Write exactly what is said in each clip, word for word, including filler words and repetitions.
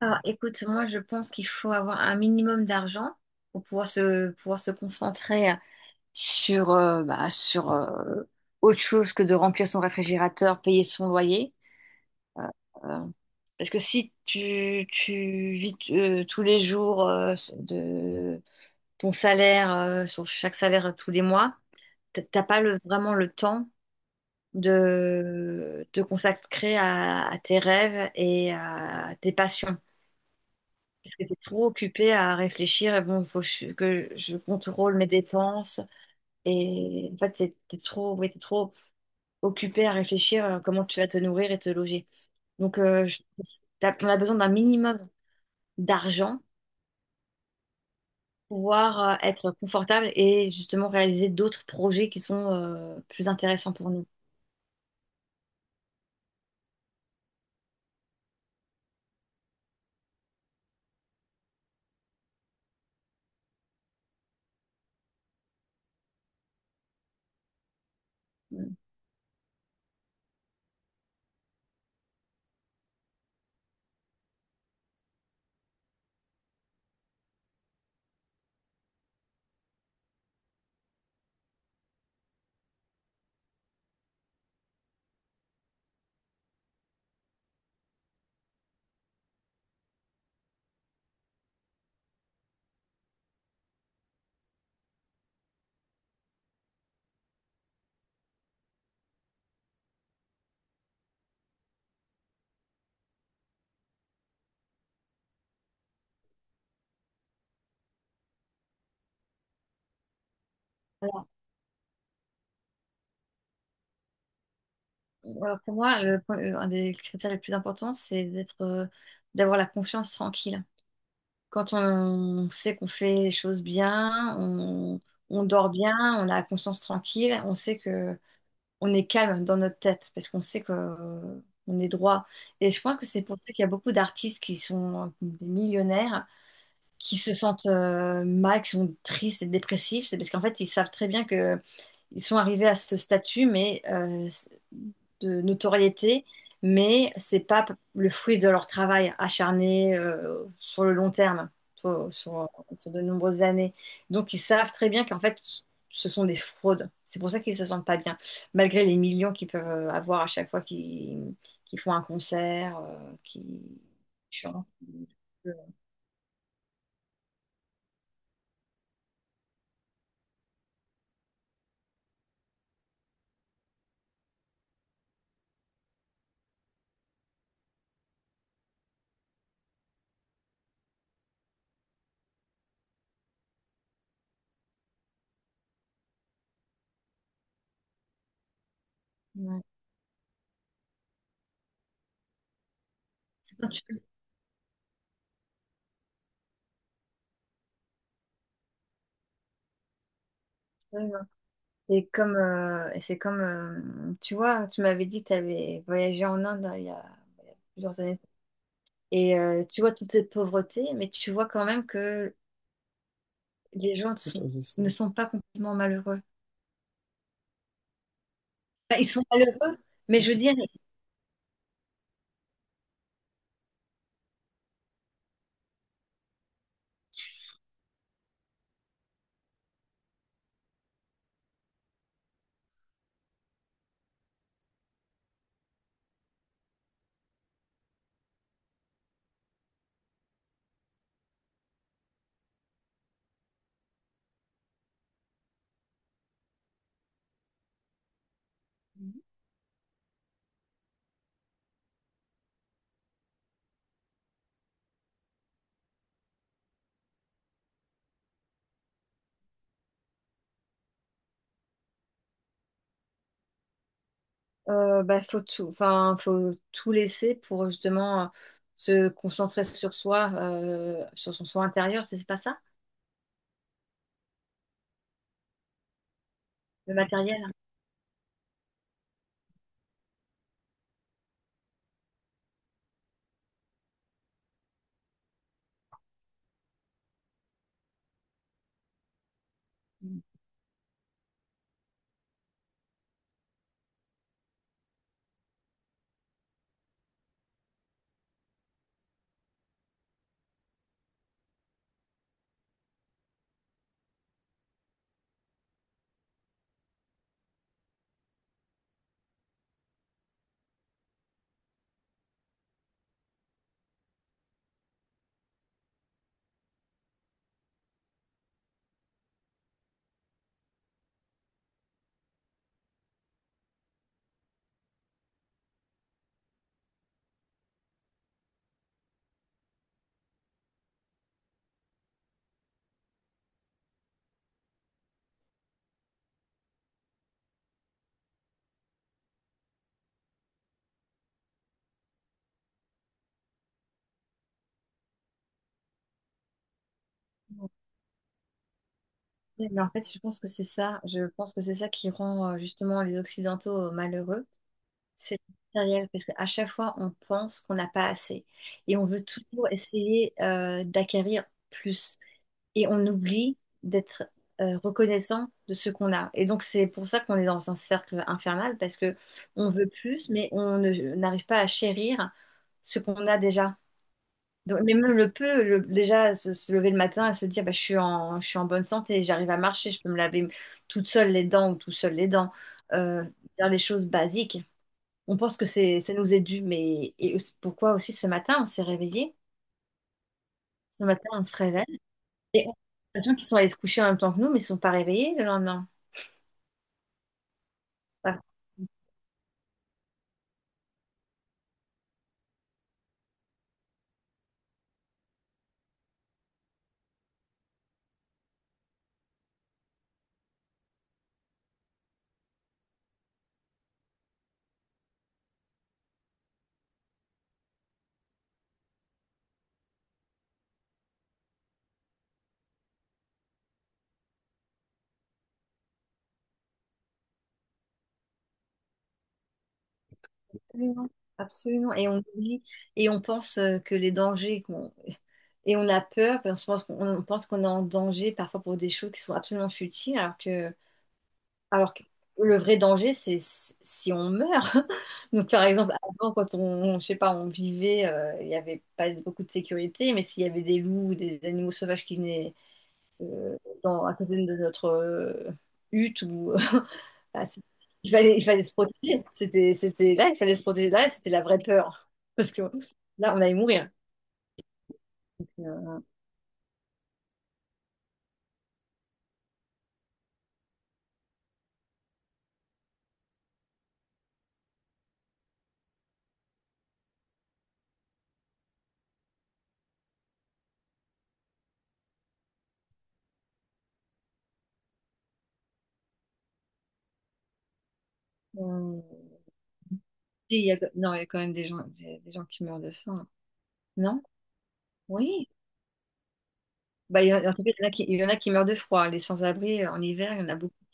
Alors, écoute, moi, je pense qu'il faut avoir un minimum d'argent pour pouvoir se, pouvoir se concentrer sur, euh, bah, sur euh, autre chose que de remplir son réfrigérateur, payer son loyer. Euh, euh, Parce que si tu, tu vis euh, tous les jours euh, de ton salaire, euh, sur chaque salaire euh, tous les mois, t- t'as pas le, vraiment le temps de te consacrer à, à tes rêves et à tes passions. Parce que t'es trop occupé à réfléchir, et bon, faut que je que je contrôle mes dépenses. Et en fait, t'es t'es trop, ouais, t'es trop occupé à réfléchir à comment tu vas te nourrir et te loger. Donc, euh, je- t'as- on a besoin d'un minimum d'argent pour pouvoir euh, être confortable et justement réaliser d'autres projets qui sont euh, plus intéressants pour nous. Mm. Voilà. Alors, pour moi, le point- euh, un des critères les plus importants, c'est d'être, euh, d'avoir la confiance tranquille. Quand on sait qu'on fait les choses bien, on, on dort bien, on a la conscience tranquille, on sait que on est calme dans notre tête parce qu'on sait que euh, on est droit. Et je pense que c'est pour ça qu'il y a beaucoup d'artistes qui sont des millionnaires, qui se sentent euh, mal, qui sont tristes et dépressifs. C'est parce qu'en fait, ils savent très bien que ils sont arrivés à ce statut mais euh, de notoriété, mais c'est pas le fruit de leur travail acharné euh, sur le long terme, sur, sur- sur de nombreuses années. Donc ils savent très bien qu'en fait ce sont des fraudes. C'est pour ça qu'ils se sentent pas bien, malgré les millions qu'ils peuvent euh, avoir à chaque fois qu'ils qu'ils font un concert, euh, qu'ils chantent. Ouais. C'est quand tu- Et comme, euh, et c'est comme, euh, tu vois, tu m'avais dit que tu avais voyagé en Inde hein, il y a plusieurs années. Et euh, tu vois toute cette pauvreté, mais tu vois quand même que les gens ne C'est sont, ne sont pas complètement malheureux. Enfin, ils sont malheureux, mais je veux dire, euh, bah, faut tout, enfin, faut tout laisser pour justement euh, se concentrer sur soi, euh, sur son soi intérieur, c'est pas ça? Le matériel, hein. Mais en fait, je pense que c'est ça. Je pense que c'est ça qui rend euh, justement les Occidentaux euh, malheureux. C'est matériel parce qu'à chaque fois, on pense qu'on n'a pas assez et on veut toujours essayer euh, d'acquérir plus et on oublie d'être euh, reconnaissant de ce qu'on a. Et donc, c'est pour ça qu'on est dans un cercle infernal parce que on veut plus, mais on ne- n'arrive pas à chérir ce qu'on a déjà. Donc, mais même le peu, le- déjà se, se lever le matin et se dire bah, je suis en, je suis en bonne santé, j'arrive à marcher, je peux me laver toute seule les dents ou tout seul les dents, euh, faire les choses basiques, on pense que c'est, ça nous est dû, mais et aussi- pourquoi aussi ce matin on s'est réveillé? Ce matin on se réveille et on les gens qui sont allés se coucher en même temps que nous, mais ils ne sont pas réveillés le lendemain. Par- Absolument, absolument. Et on oublie et on pense euh, que les dangers qu'on et on a peur, parce qu'on pense qu'on on pense qu'on est en danger parfois pour des choses qui sont absolument futiles, alors que Alors que le vrai danger, c'est s- si on meurt. Donc, par exemple, avant, quand on, je sais pas, on vivait, euh, il n'y avait pas beaucoup de sécurité, mais s'il y avait des loups ou des animaux sauvages qui venaient euh, dans, à côté de notre euh, hutte, ou, ah, c'est- il fallait, il fallait se protéger. C'était, c'était là, il fallait se protéger. Là, c'était la vraie peur. Parce que là, on allait mourir. Euh, on- il y a- non, il y a quand même des gens, des, des gens qui meurent de faim. Non? Oui. Bah, il y en en tout cas, il y en a qui, il y en a qui meurent de froid. Les sans-abri, euh, en hiver, il y en a beaucoup.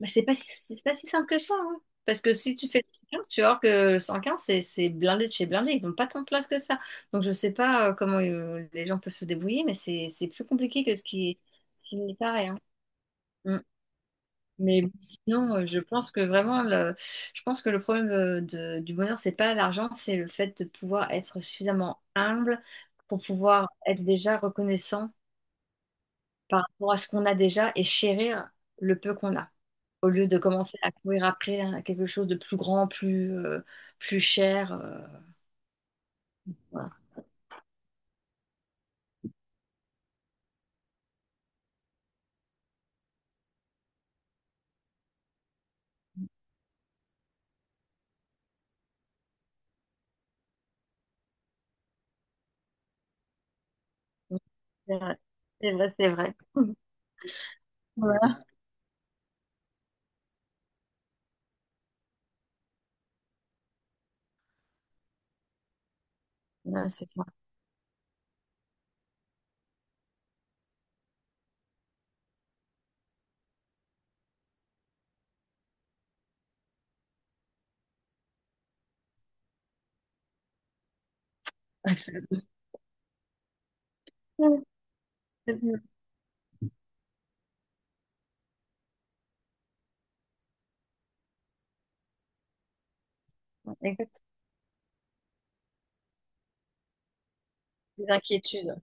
Mais c'est pas si, c'est pas si simple que ça, hein. Parce que si tu fais le cent quinze, tu vas voir que le cent quinze, c'est c'est blindé de chez blindé. Ils n'ont pas tant de place que ça. Donc, je sais pas euh, comment euh, les gens peuvent se débrouiller, mais c'est c'est plus compliqué que ce qui, ce qui n'y paraît, hein. Mm. Mais bon, sinon, euh, je pense que vraiment, le- je pense que le problème euh, de- du bonheur, c'est pas l'argent, c'est le fait de pouvoir être suffisamment humble pour pouvoir être déjà reconnaissant par rapport à ce qu'on a déjà et chérir le peu qu'on a, au lieu de commencer à courir après hein, quelque chose de plus grand, plus, euh, plus cher. euh. Donc, c'est vrai, c'est vrai, c'est vrai. Voilà. Ouais, c'est ça. Exact. Des inquiétudes.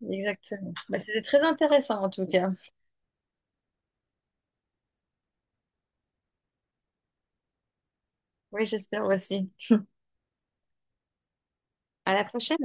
Mm. Exactement. Bah, c'était très intéressant en tout cas. Oui, j'espère aussi. À la prochaine.